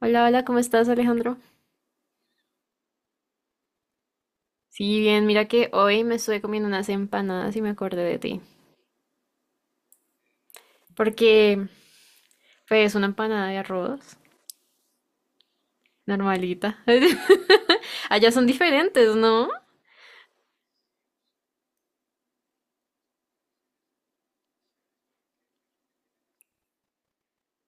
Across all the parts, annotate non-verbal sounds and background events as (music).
Hola, hola, ¿cómo estás, Alejandro? Sí, bien, mira que hoy me estuve comiendo unas empanadas y me acordé de ti. Porque, pues, una empanada de arroz, normalita. (laughs) Allá son diferentes, ¿no?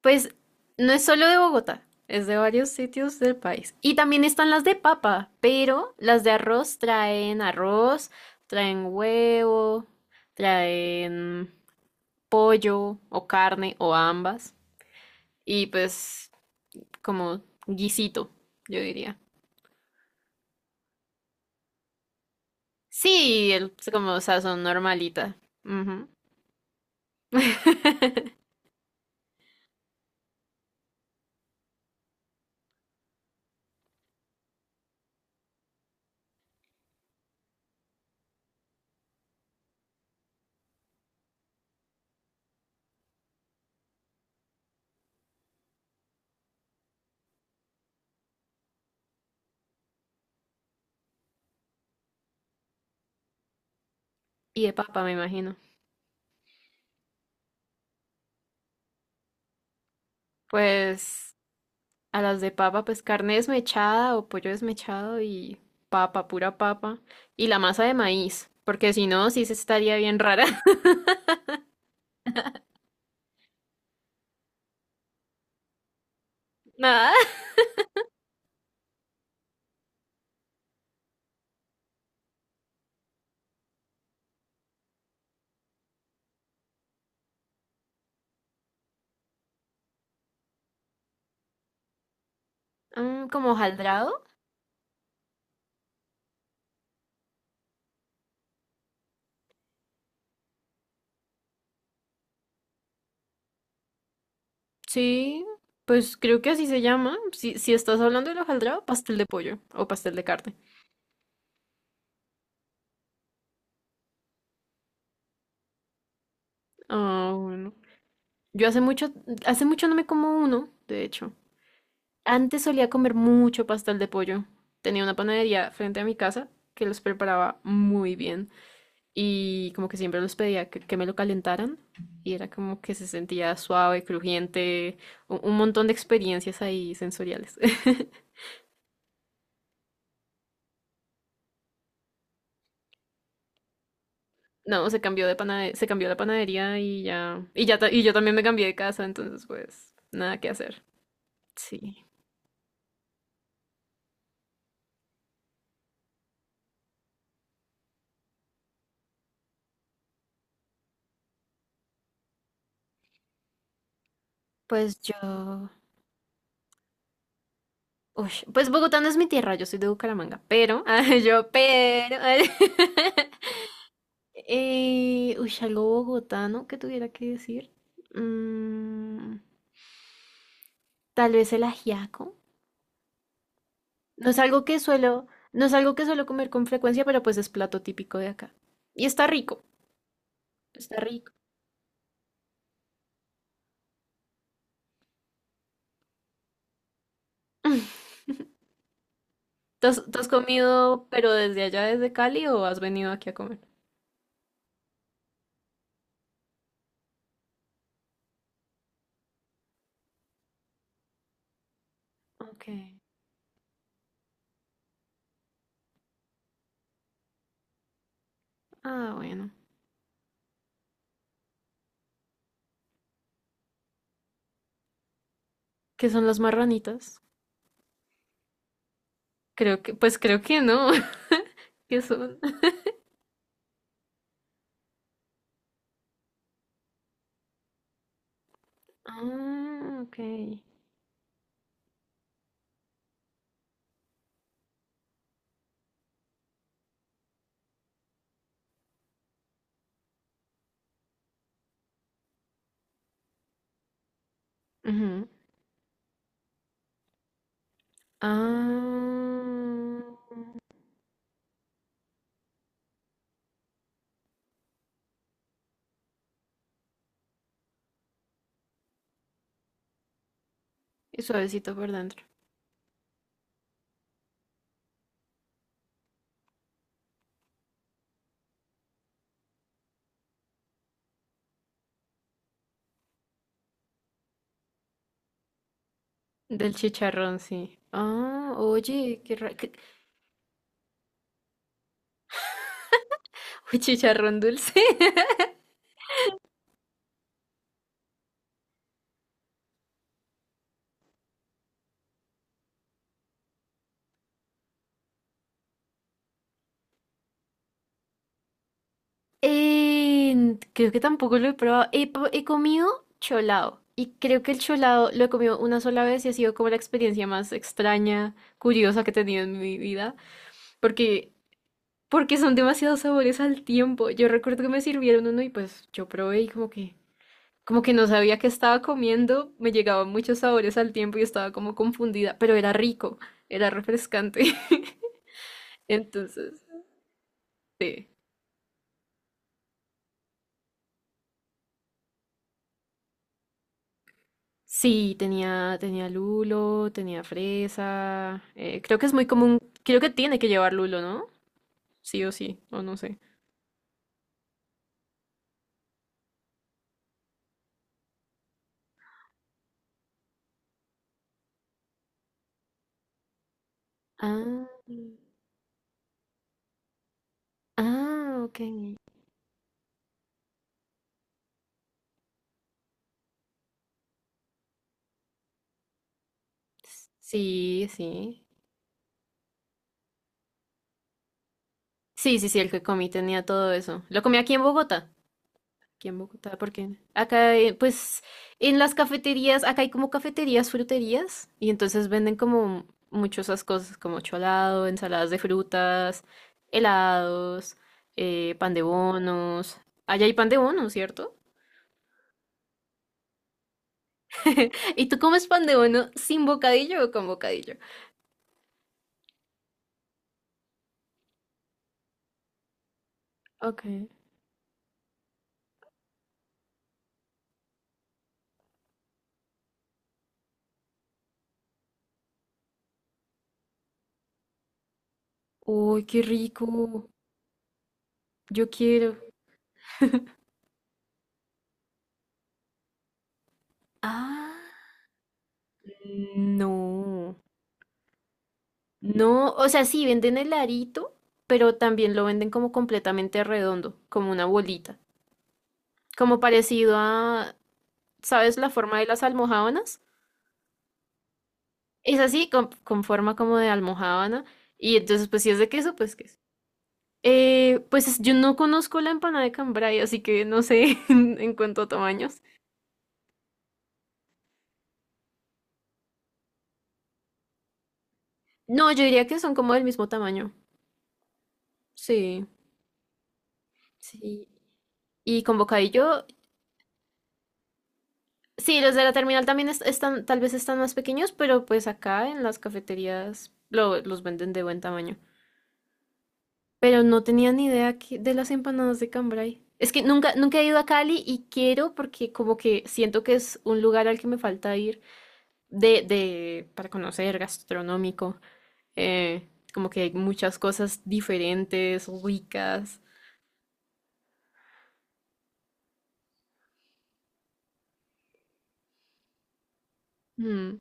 Pues, no es solo de Bogotá, es de varios sitios del país. Y también están las de papa, pero las de arroz, traen huevo, traen pollo o carne o ambas. Y pues, como guisito, yo diría. Sí, el, como, o sea, son normalitas. Ujú. (laughs) Y de papa, me imagino. Pues a las de papa, pues carne desmechada o pollo desmechado y papa, pura papa. Y la masa de maíz, porque si no, sí se estaría bien rara. (laughs) Nada. Mm, ¿como hojaldrado? Sí, pues creo que así se llama. Si, si estás hablando del hojaldrado, pastel de pollo o pastel de carne. Ah, bueno. Yo hace mucho no me como uno, de hecho. Antes solía comer mucho pastel de pollo. Tenía una panadería frente a mi casa que los preparaba muy bien y como que siempre los pedía que me lo calentaran y era como que se sentía suave, crujiente, un montón de experiencias ahí sensoriales. (laughs) No, se cambió de panade- se cambió la panadería y ya ta- y yo también me cambié de casa, entonces pues nada que hacer. Sí. Pues yo uy, pues Bogotá no es mi tierra, yo soy de Bucaramanga, pero (laughs) ah, yo pero (laughs) Uy, algo bogotano que tuviera que decir. Mm, tal vez el ajiaco. No es algo que suelo, no es algo que suelo comer con frecuencia, pero pues es plato típico de acá. Y está rico, está rico. (laughs) Tú has comido, pero desde allá, desde Cali, o has venido aquí a comer? Ok. Ah, bueno. ¿Qué son las marranitas? Creo que, pues creo que no. (laughs) ¿Qué son? Ah, ok. Ujú. Ah. Y suavecito por dentro. Del chicharrón, sí. Ah, oye, qué ra... qué- (laughs) Uy, chicharrón dulce. (laughs) Eh, creo que tampoco lo he probado. He, po- he comido cholado. Y creo que el cholado lo he comido una sola vez y ha sido como la experiencia más extraña, curiosa que he tenido en mi vida. Porque, porque son demasiados sabores al tiempo. Yo recuerdo que me sirvieron uno y pues yo probé y como que... Como que no sabía qué estaba comiendo, me llegaban muchos sabores al tiempo y estaba como confundida, pero era rico, era refrescante. (laughs) Entonces, sí. Sí, tenía, tenía lulo, tenía fresa. Creo que es muy común, creo que tiene que llevar lulo, ¿no? Sí o sí, o no sé. Ah, ah, ok. Sí, sí. Sí, sí, sí, el que comí tenía todo eso. Lo comí aquí en Bogotá. Aquí en Bogotá, porque acá, pues, en las cafeterías, acá hay como cafeterías, fruterías, y entonces venden como muchas esas cosas, como cholado, ensaladas de frutas, helados, pan de bonos. Allá hay pan de bono, ¿cierto? (laughs) ¿Y tú comes pan de bono sin bocadillo o con bocadillo? Ok. Uy, qué rico. Yo quiero. Ah, no. No, o sea, sí venden el arito, pero también lo venden como completamente redondo, como una bolita, como parecido a, ¿sabes la forma de las almojábanas? Es así, con forma como de almojábana, y entonces pues si es de queso, pues queso. Pues es- yo no conozco la empanada de cambray, así que no sé (laughs) en cuanto a tamaños. No, yo diría que son como del mismo tamaño. Sí, sí. Y con bocadillo sí, los de la terminal también est- están, tal vez están más pequeños, pero pues acá en las cafeterías lo- los venden de buen tamaño. Pero no tenía ni idea que- de las empanadas de Cambrai. Es que nunca, nunca he ido a Cali y quiero porque como que siento que es un lugar al que me falta ir de, para conocer, gastronómico. Como que hay muchas cosas diferentes, ricas. Mm,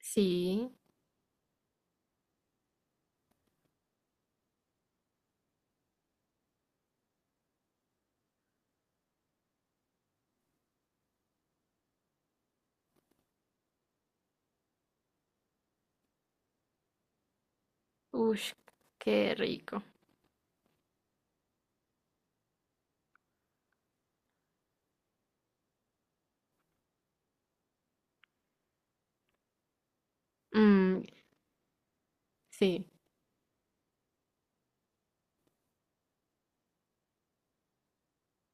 sí. Uy, qué rico. Mm, sí.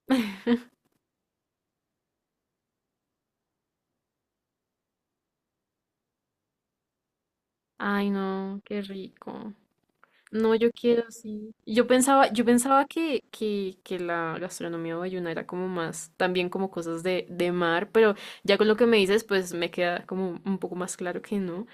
(laughs) Ay, no, qué rico. No, yo quiero, sí. Yo pensaba que la gastronomía bayuna era como más, también como cosas de mar, pero ya con lo que me dices, pues me queda como un poco más claro que no.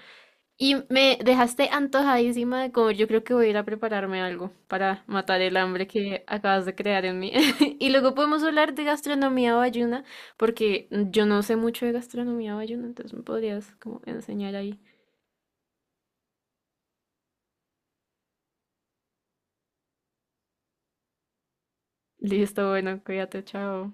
Y me dejaste antojadísima de comer. Yo creo que voy a ir a prepararme algo para matar el hambre que acabas de crear en mí. (laughs) Y luego podemos hablar de gastronomía bayuna, porque yo no sé mucho de gastronomía bayuna, entonces me podrías como enseñar ahí. Listo, bueno, cuídate, chao.